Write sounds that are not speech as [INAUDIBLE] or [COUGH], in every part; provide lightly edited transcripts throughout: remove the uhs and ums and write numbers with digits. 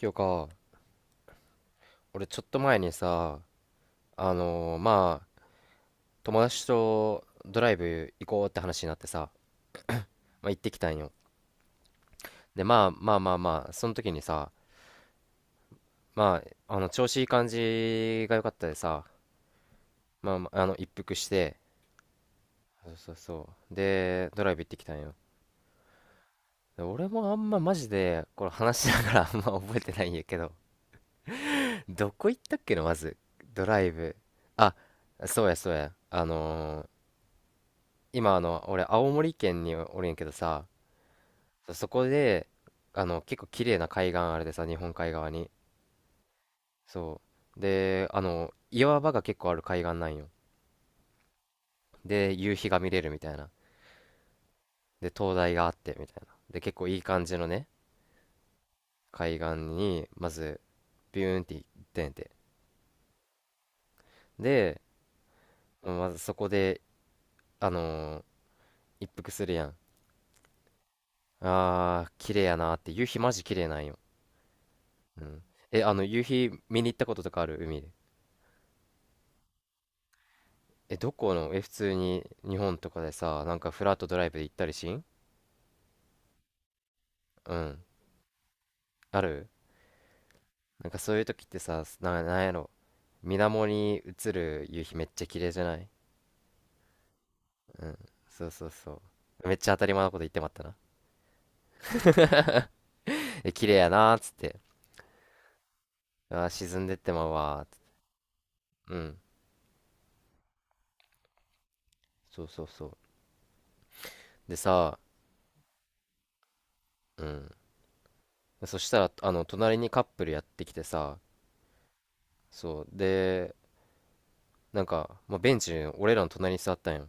今日か、俺ちょっと前にさ、まあ、友達とドライブ行こうって話になってさ、まあ、行ってきたんよ。で、まあまあまあまあ、その時にさ、まあ、調子いい感じが良かったでさ、まあまあ、一服して、そうそうそう。で、ドライブ行ってきたんよ。で俺もあんまマジで、これ話しながら [LAUGHS] あんま覚えてないんやけど、どこ行ったっけの、まず。ドライブ。あ、そうやそうや。今俺青森県におるんやけどさ、そこで、結構綺麗な海岸あるでさ、日本海側に。そう。で、岩場が結構ある海岸なんよ。で、夕日が見れるみたいな。で、灯台があってみたいな。で、結構いい感じのね、海岸に、まず、ビューンって行ってんて。で、まずそこで、あのー一服するやん。あー、綺麗やなーって。夕日マジ綺麗なんよ。うん。え、夕日見に行ったこととかある？海で。え、どこの普通に日本とかでさ、なんかフラットドライブで行ったりしん。うん。ある。なんかそういう時ってさ、なんやろ。水面に映る夕日めっちゃ綺麗じゃない？うん。そうそうそう。めっちゃ当たり前のこと言ってまったな。[LAUGHS] え、綺麗やなーっつって。あー、沈んでってまうわーっつって。うん。そうそうそう。でさ、うん。そしたら、隣にカップルやってきてさ、そう。で、なんか、まあ、ベンチ、俺らの隣に座ったんよ。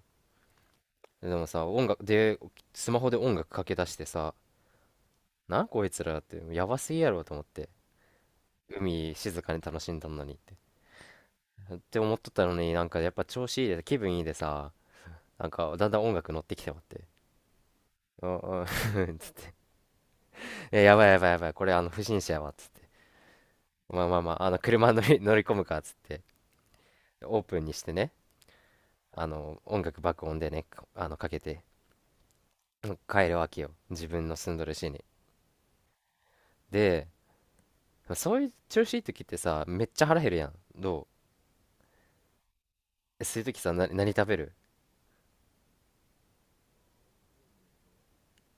でもさ、音楽で、スマホで音楽かけ出してさ、こいつらって、やばすぎやろと思って。海静かに楽しんだのにって。って思っとったのになんかやっぱ調子いいで、気分いいでさ、なんかだんだん音楽乗ってきてまって。うんうん。 [LAUGHS] え、やばいやばいやばい、これあの不審者やわ、つって。まあまあまあ、あの車[LAUGHS] 乗り込むか、つって。オープンにしてね、あの音楽爆音でね、かあのかけて帰るわけよ。自分の住んどる市に。で、そういう調子いい時ってさ、めっちゃ腹減るやん。そういう時さ、何食べる？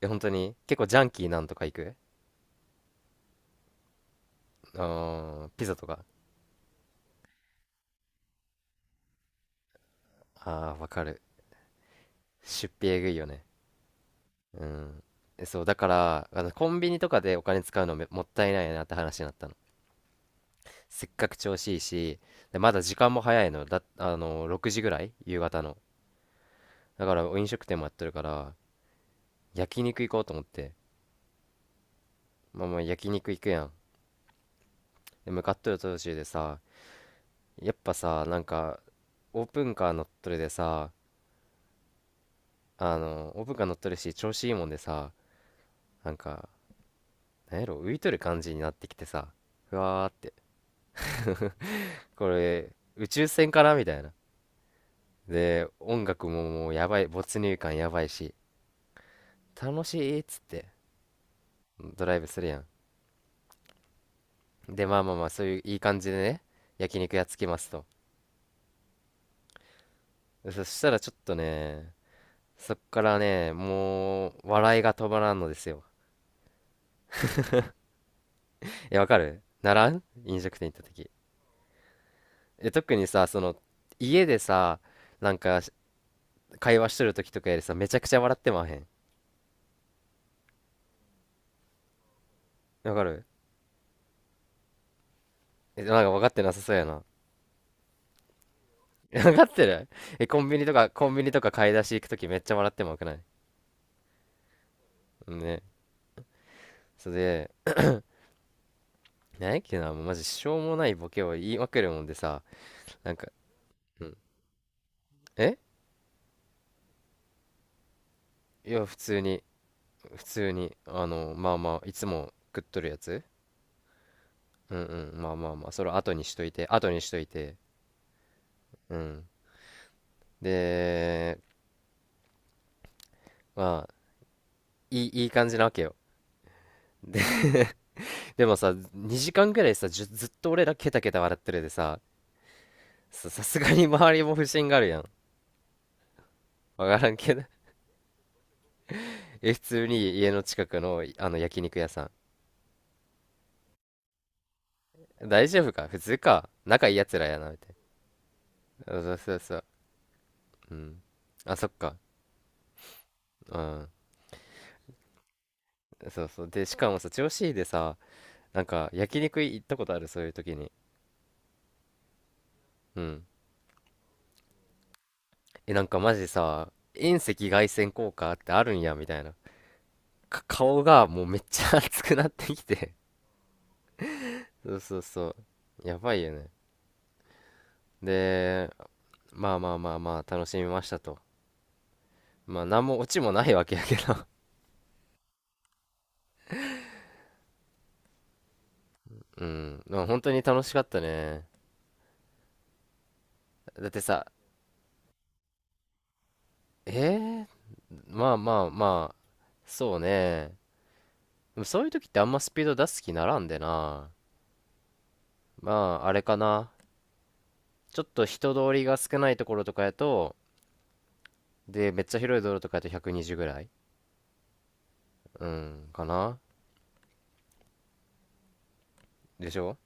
え、本当に結構ジャンキーなんとか行く？あー、ピザとか。あー、わかる。出費えぐいよね。うん。え、そう、だから、コンビニとかでお金使うのもったいないなって話になったの。せっかく調子いいし、で、まだ時間も早いの。だ、あの、6時ぐらい夕方の。だから、飲食店もやってるから、焼肉行こうと思って。まあまあ、焼肉行くやん。で、向かっとる途中でさ、やっぱさ、なんか、オープンカー乗っとるでさ、あのオブが乗っとるし調子いいもんでさ、なんかなんやろ、浮いとる感じになってきてさ、ふわーって、これ宇宙船かなみたいな。で、音楽ももうやばい、没入感やばいし、楽しいっつってドライブするやん。で、まあまあまあ、そういういい感じでね、焼肉やっつきますと。そしたらちょっとね、そっからね、もう笑いが止まらんのですよ。え、わかるならん？飲食店行った時で、特にさ、その、家でさ、なんか会話しとる時とかやでさ、めちゃくちゃ笑ってまへん？わかる？え、なんか分かってなさそうやな。[LAUGHS] 分かってる？え、コンビニとか買い出し行く時めっちゃ笑ってまわくない？ね。それで、なんやっけな、もうマジしょうもないボケを言いまくるもんでさ、なんか、うん。え、いや、普通に、まあまあ、いつも食っとるやつ。うんうん、まあまあまあ、それ後にしといて、後にしといて、うん。で、まあ、いい感じなわけよ。でもさ、2時間ぐらいさ、ずっと俺らケタケタ笑ってるでさ、さすがに周りも不審があるやん。わからんけど。[LAUGHS] え、普通に家の近くの、あの焼肉屋さん。大丈夫か普通か。仲いいやつらやな、みたいな。あ、そうそうそう。うん。あ、そっか。うん。そうそう。で、しかもさ、調子いいでさ、なんか焼肉行ったことある？そういう時に。うん。え、なんかマジさ、遠赤外線効果ってあるんや、みたいな。顔がもうめっちゃ [LAUGHS] 熱くなってきて、そうそうそう。やばいよね。で、まあまあまあまあ、楽しみましたと。まあ、なんもオチもないわけやけど、 [LAUGHS] うん。まあ、本当に楽しかったね。だってさ、えー、まあまあまあ、そうね。でもそういう時ってあんまスピード出す気ならんでな。まあ、あれかな。ちょっと人通りが少ないところとかやと、で、めっちゃ広い道路とかやと120ぐらい。うん、かな。でしょ？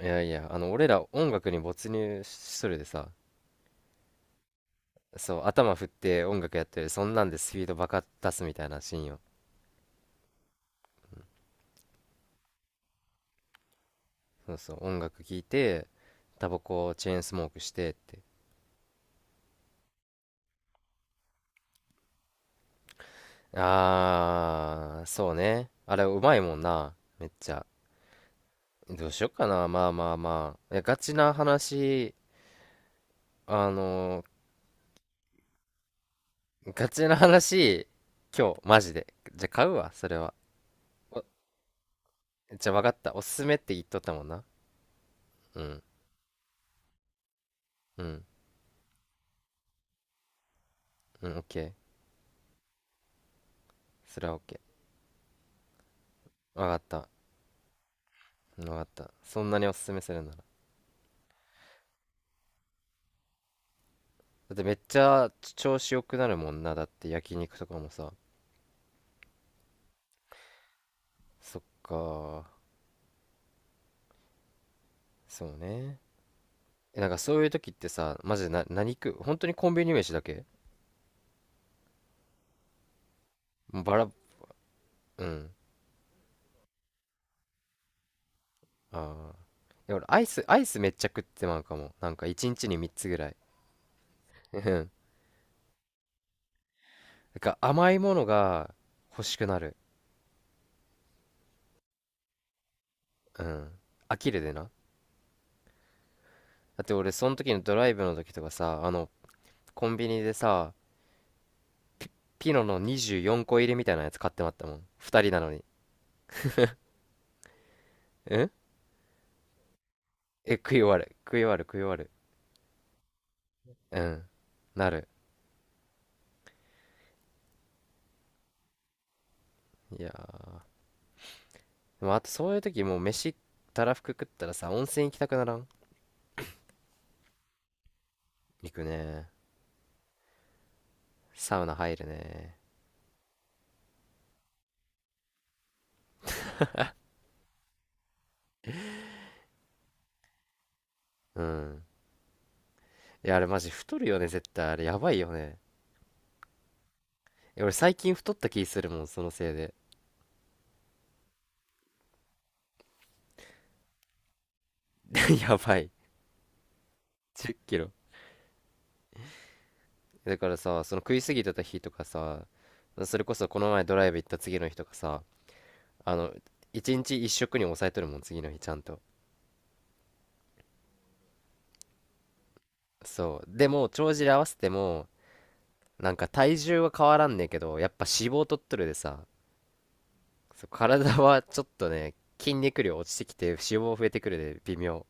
いやいや、俺ら音楽に没入するでさ、そう頭振って音楽やってる、そんなんでスピードバカ出すみたいなシーンよ。そうそう音楽聴いて、タバコをチェーンスモークしてって。あー、そうね、あれうまいもんな、めっちゃ。どうしよっかな、まあまあまあ、いやガチな話、あのガチな話、今日マジで、じゃ買うわそれは。お、じゃわかった、おすすめって言っとったもんな。うんうんうん、オッケー。それはオッケー。わかった、わかった、そんなにおすすめするなら。だってめっちゃ調子良くなるもんな。だって焼肉とかもさ。そっか。そうね。え、なんかそういう時ってさ、マジでな、何食う？本当にコンビニ飯だけ？もうバラ、うん。ああ。いや、俺アイスめっちゃ食ってまうかも。なんか一日に3つぐらい。うん。なんか甘いものが欲しくなる。うん。飽きるでな。だって俺その時のドライブの時とかさ、コンビニでさ、ピノの24個入りみたいなやつ買ってまったもん。2人なのに。え、食い終わる。食い終わる、食い終わる。うん。なる。いやー。でもあとそういう時もう飯、たらふく食ったらさ、温泉行きたくならん？行くね。サウナ入るね。うん。いや、あれマジ太るよね、絶対。あれやばいよね。え、俺最近太った気するもん、そのせいで。[LAUGHS] やばい。10キロ。だからさ、その食いすぎてた日とかさ、それこそこの前ドライブ行った次の日とかさ、あの、1日1食に抑えとるもん、次の日ちゃんと。そう。でも、帳尻合わせても、なんか体重は変わらんねんけど、やっぱ脂肪取っとるでさ、そう体はちょっとね、筋肉量落ちてきて脂肪増えてくるで微妙。